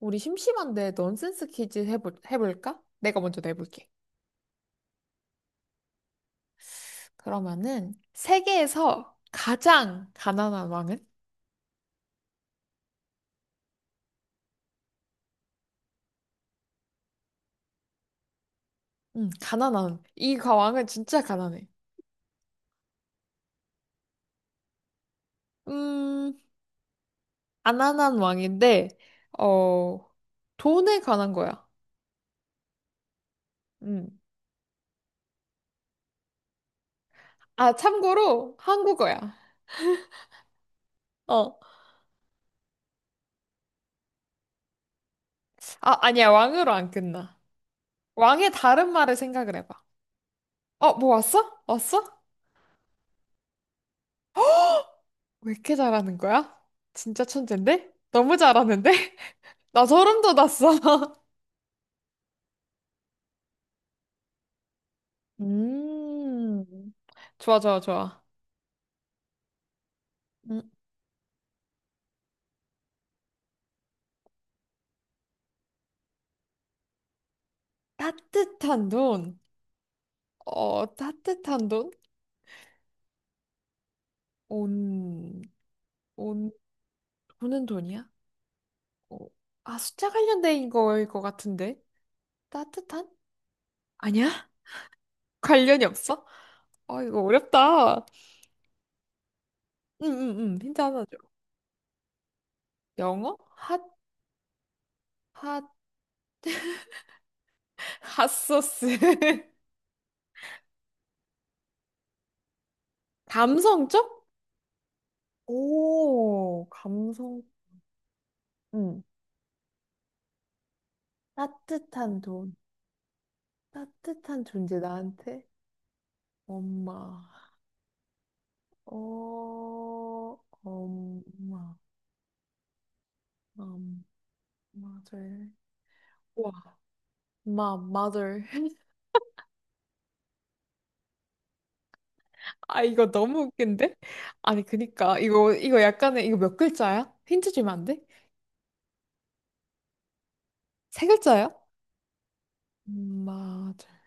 우리 심심한데 넌센스 퀴즈 해볼까? 내가 먼저 내볼게. 그러면은 세계에서 가장 가난한 왕은? 가난한. 왕은 진짜 가난해. 음, 가난한 왕인데 어 돈에 관한 거야. 음. 아, 참고로 한국어야. 어. 아, 아니야. 왕으로 안 끝나. 왕의 다른 말을 생각을 해봐. 어, 뭐 왔어? 왔어? 왜 이렇게 잘하는 거야? 진짜 천재인데? 너무 잘하는데? 나 소름 돋았어. 음, 좋아, 좋아, 좋아. 음, 따뜻한 돈. 어, 따뜻한 돈? 온, 온, 오는 돈이야? 어, 아, 숫자 관련된 거일 것 같은데. 따뜻한? 아니야? 관련이 없어? 아, 이거 어렵다. 응, 응, 응. 힌트 하나 줘. 영어? 핫, 핫, 핫소스. 감성적? 오, 감성. 응. 따뜻한 돈. 따뜻한 존재 나한테? 엄마. 어, 엄마. 엄마, 절. 우와, 마, mother. 아, 이거 너무 웃긴데? 아니, 그니까. 이거, 이거 약간의, 이거 몇 글자야? 힌트 주면 안 돼? 세 글자야? 엄마, 절.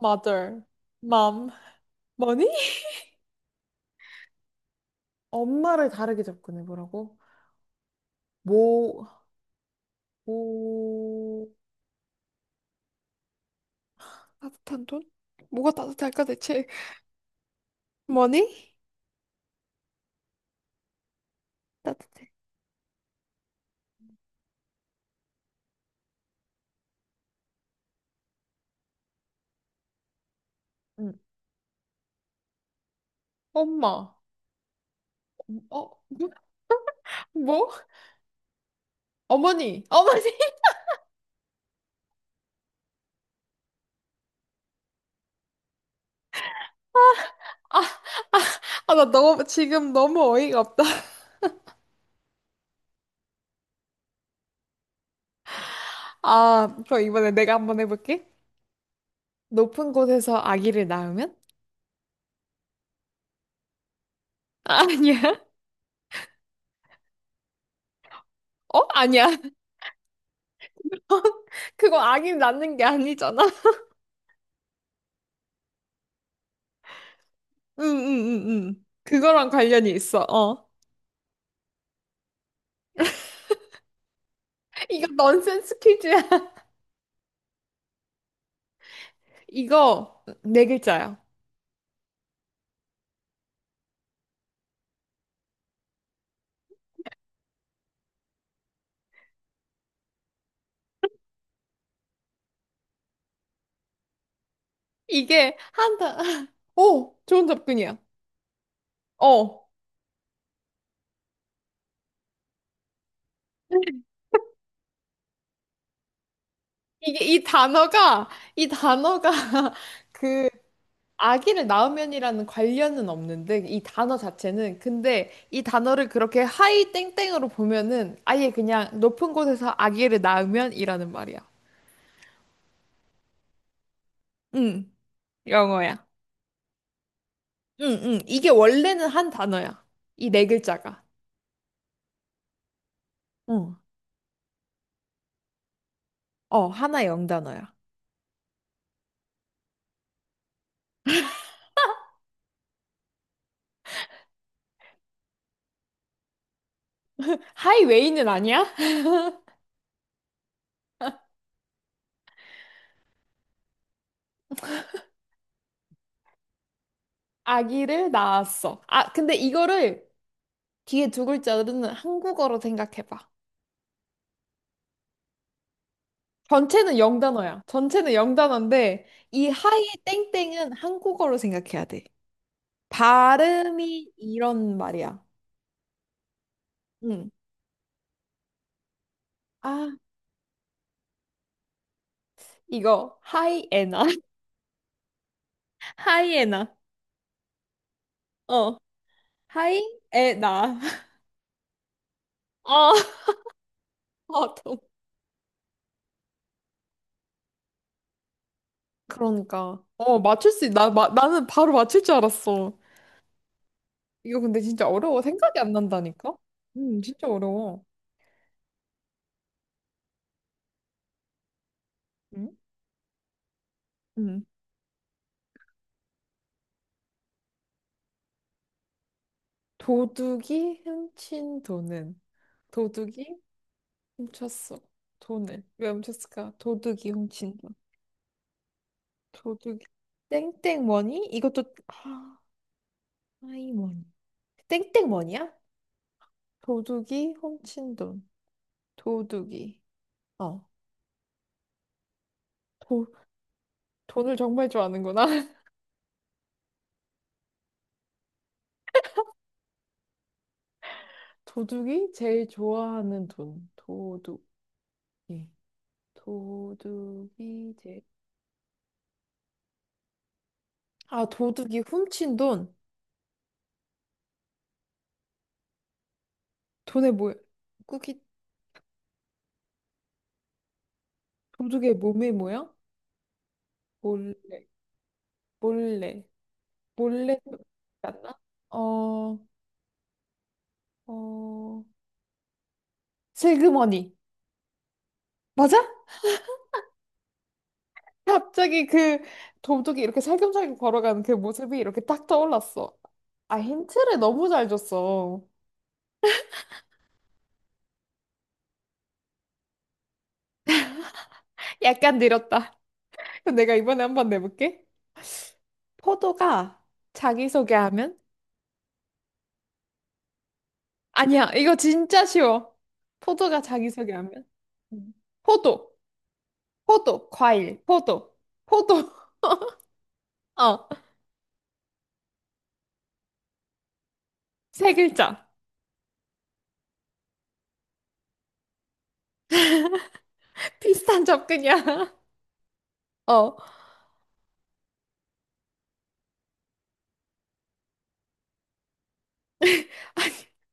mother, mom, money? 엄마를 다르게 접근해보라고? 뭐 뭐 따뜻한 돈? 뭐가 따뜻할까 대체? money? 따뜻해. 응. 엄마. 어, 뭐? 어머니, 어머니. 아, 아, 나 너무, 지금 너무 어이가 없다. 아, 그럼 이번에 내가 한번 해볼게. 높은 곳에서 아기를 낳으면? 아, 아니야. 어? 아니야. 그거 아기 낳는 게 아니잖아. 응, 응, 응, 응. 그거랑 관련이 있어. 어. 이거 넌센스 퀴즈야. 이거 네 글자야. 이게 한 단, 오, 좋은 접근이야. 어. 이게 이 단어가, 이 단어가 그 아기를 낳으면이라는 관련은 없는데 이 단어 자체는 근데 이 단어를 그렇게 하이 땡땡으로 보면은 아예 그냥 높은 곳에서 아기를 낳으면이라는 말이야. 응, 영어야. 응, 응. 이게 원래는 한 단어야. 이 네 글자가. 응. 어, 하나의 영단어야. 하이웨이는 아니야? 아기를 낳았어. 아, 근데 이거를 뒤에 두 글자로는 한국어로 생각해봐. 전체는 영단어야. 전체는 영단어인데 이 하이 땡땡은 한국어로 생각해야 돼. 발음이 이런 말이야. 응. 아, 이거 하이에나. 하이에나. 어. 하이에나. 어. 아, 동- 그러니까. 어, 맞출 수 있... 나, 마, 나는 바로 맞출 줄 알았어. 이거 근데 진짜 어려워. 생각이 안 난다니까? 진짜 어려워. 응? 응. 도둑이 훔친 돈은 도둑이 훔쳤어. 돈을. 왜 훔쳤을까? 도둑이 훔친다. 도둑이. 땡땡머니? 이것도, 아, 아이머니. 땡땡머니야? 도둑이 훔친 돈. 도둑이. 어. 도, 돈을 정말 좋아하는구나. 도둑이 제일 좋아하는 돈. 도둑이. 도둑이 제일. 아, 도둑이 훔친 돈. 돈의 모 꾸깃. 도둑의 몸의 모양? 몰래. 몰래. 몰래 갔나? 어, 어, 슬그머니. 맞아? 갑자기 그 도둑이 이렇게 살금살금 걸어가는 그 모습이 이렇게 딱 떠올랐어. 아, 힌트를 너무 잘 줬어. 약간 느렸다. 그럼 내가 이번에 한번 내볼게. 포도가 자기소개하면? 아니야, 이거 진짜 쉬워. 포도가 자기소개하면? 음. 포도, 포도, 과일, 포도, 포도. 어, 세 글자. 비슷한 접근이야. 어.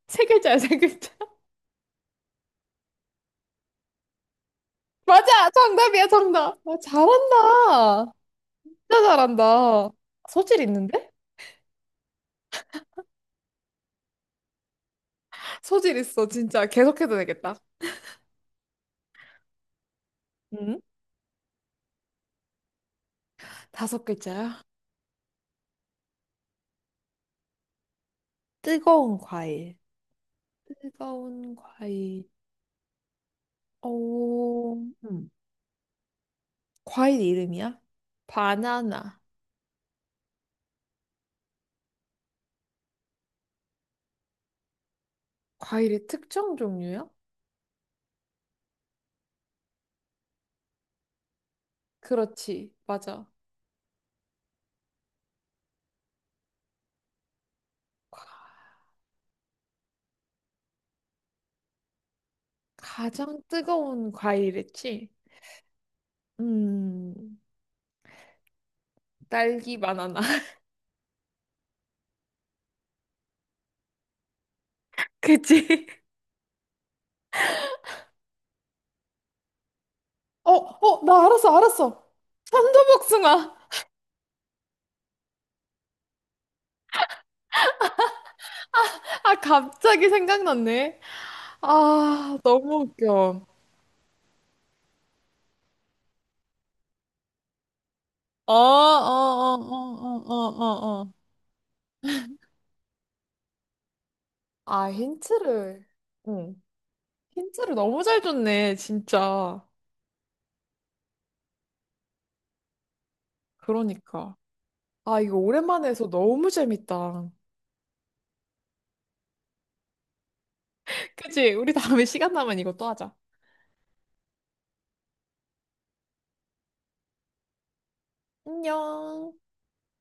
세 글자야, 세 글자. 맞아! 정답이야, 정답! 아, 잘한다! 진짜 잘한다. 소질 있는데? 소질 있어, 진짜. 계속해도 되겠다. 응? 다섯 글자야. 뜨거운 과일. 뜨거운 과일. 오, 음 과일 이름이야? 바나나. 과일의 특정 종류야? 그렇지, 맞아. 과- 가장 뜨거운 과일이지? 음, 딸기 바나나. 그치? 어, 어, 나 알았어, 알았어. 천도복숭아. 아, 갑자기 생각났네. 아, 너무 웃겨. 어, 어, 어, 어, 어, 어, 어. 어. 아, 힌트를. 응. 힌트를 너무 잘 줬네, 진짜. 그러니까. 아, 이거 오랜만에 해서 너무 재밌다. 그치? 우리 다음에 시간 나면 이것도 하자. 안녕.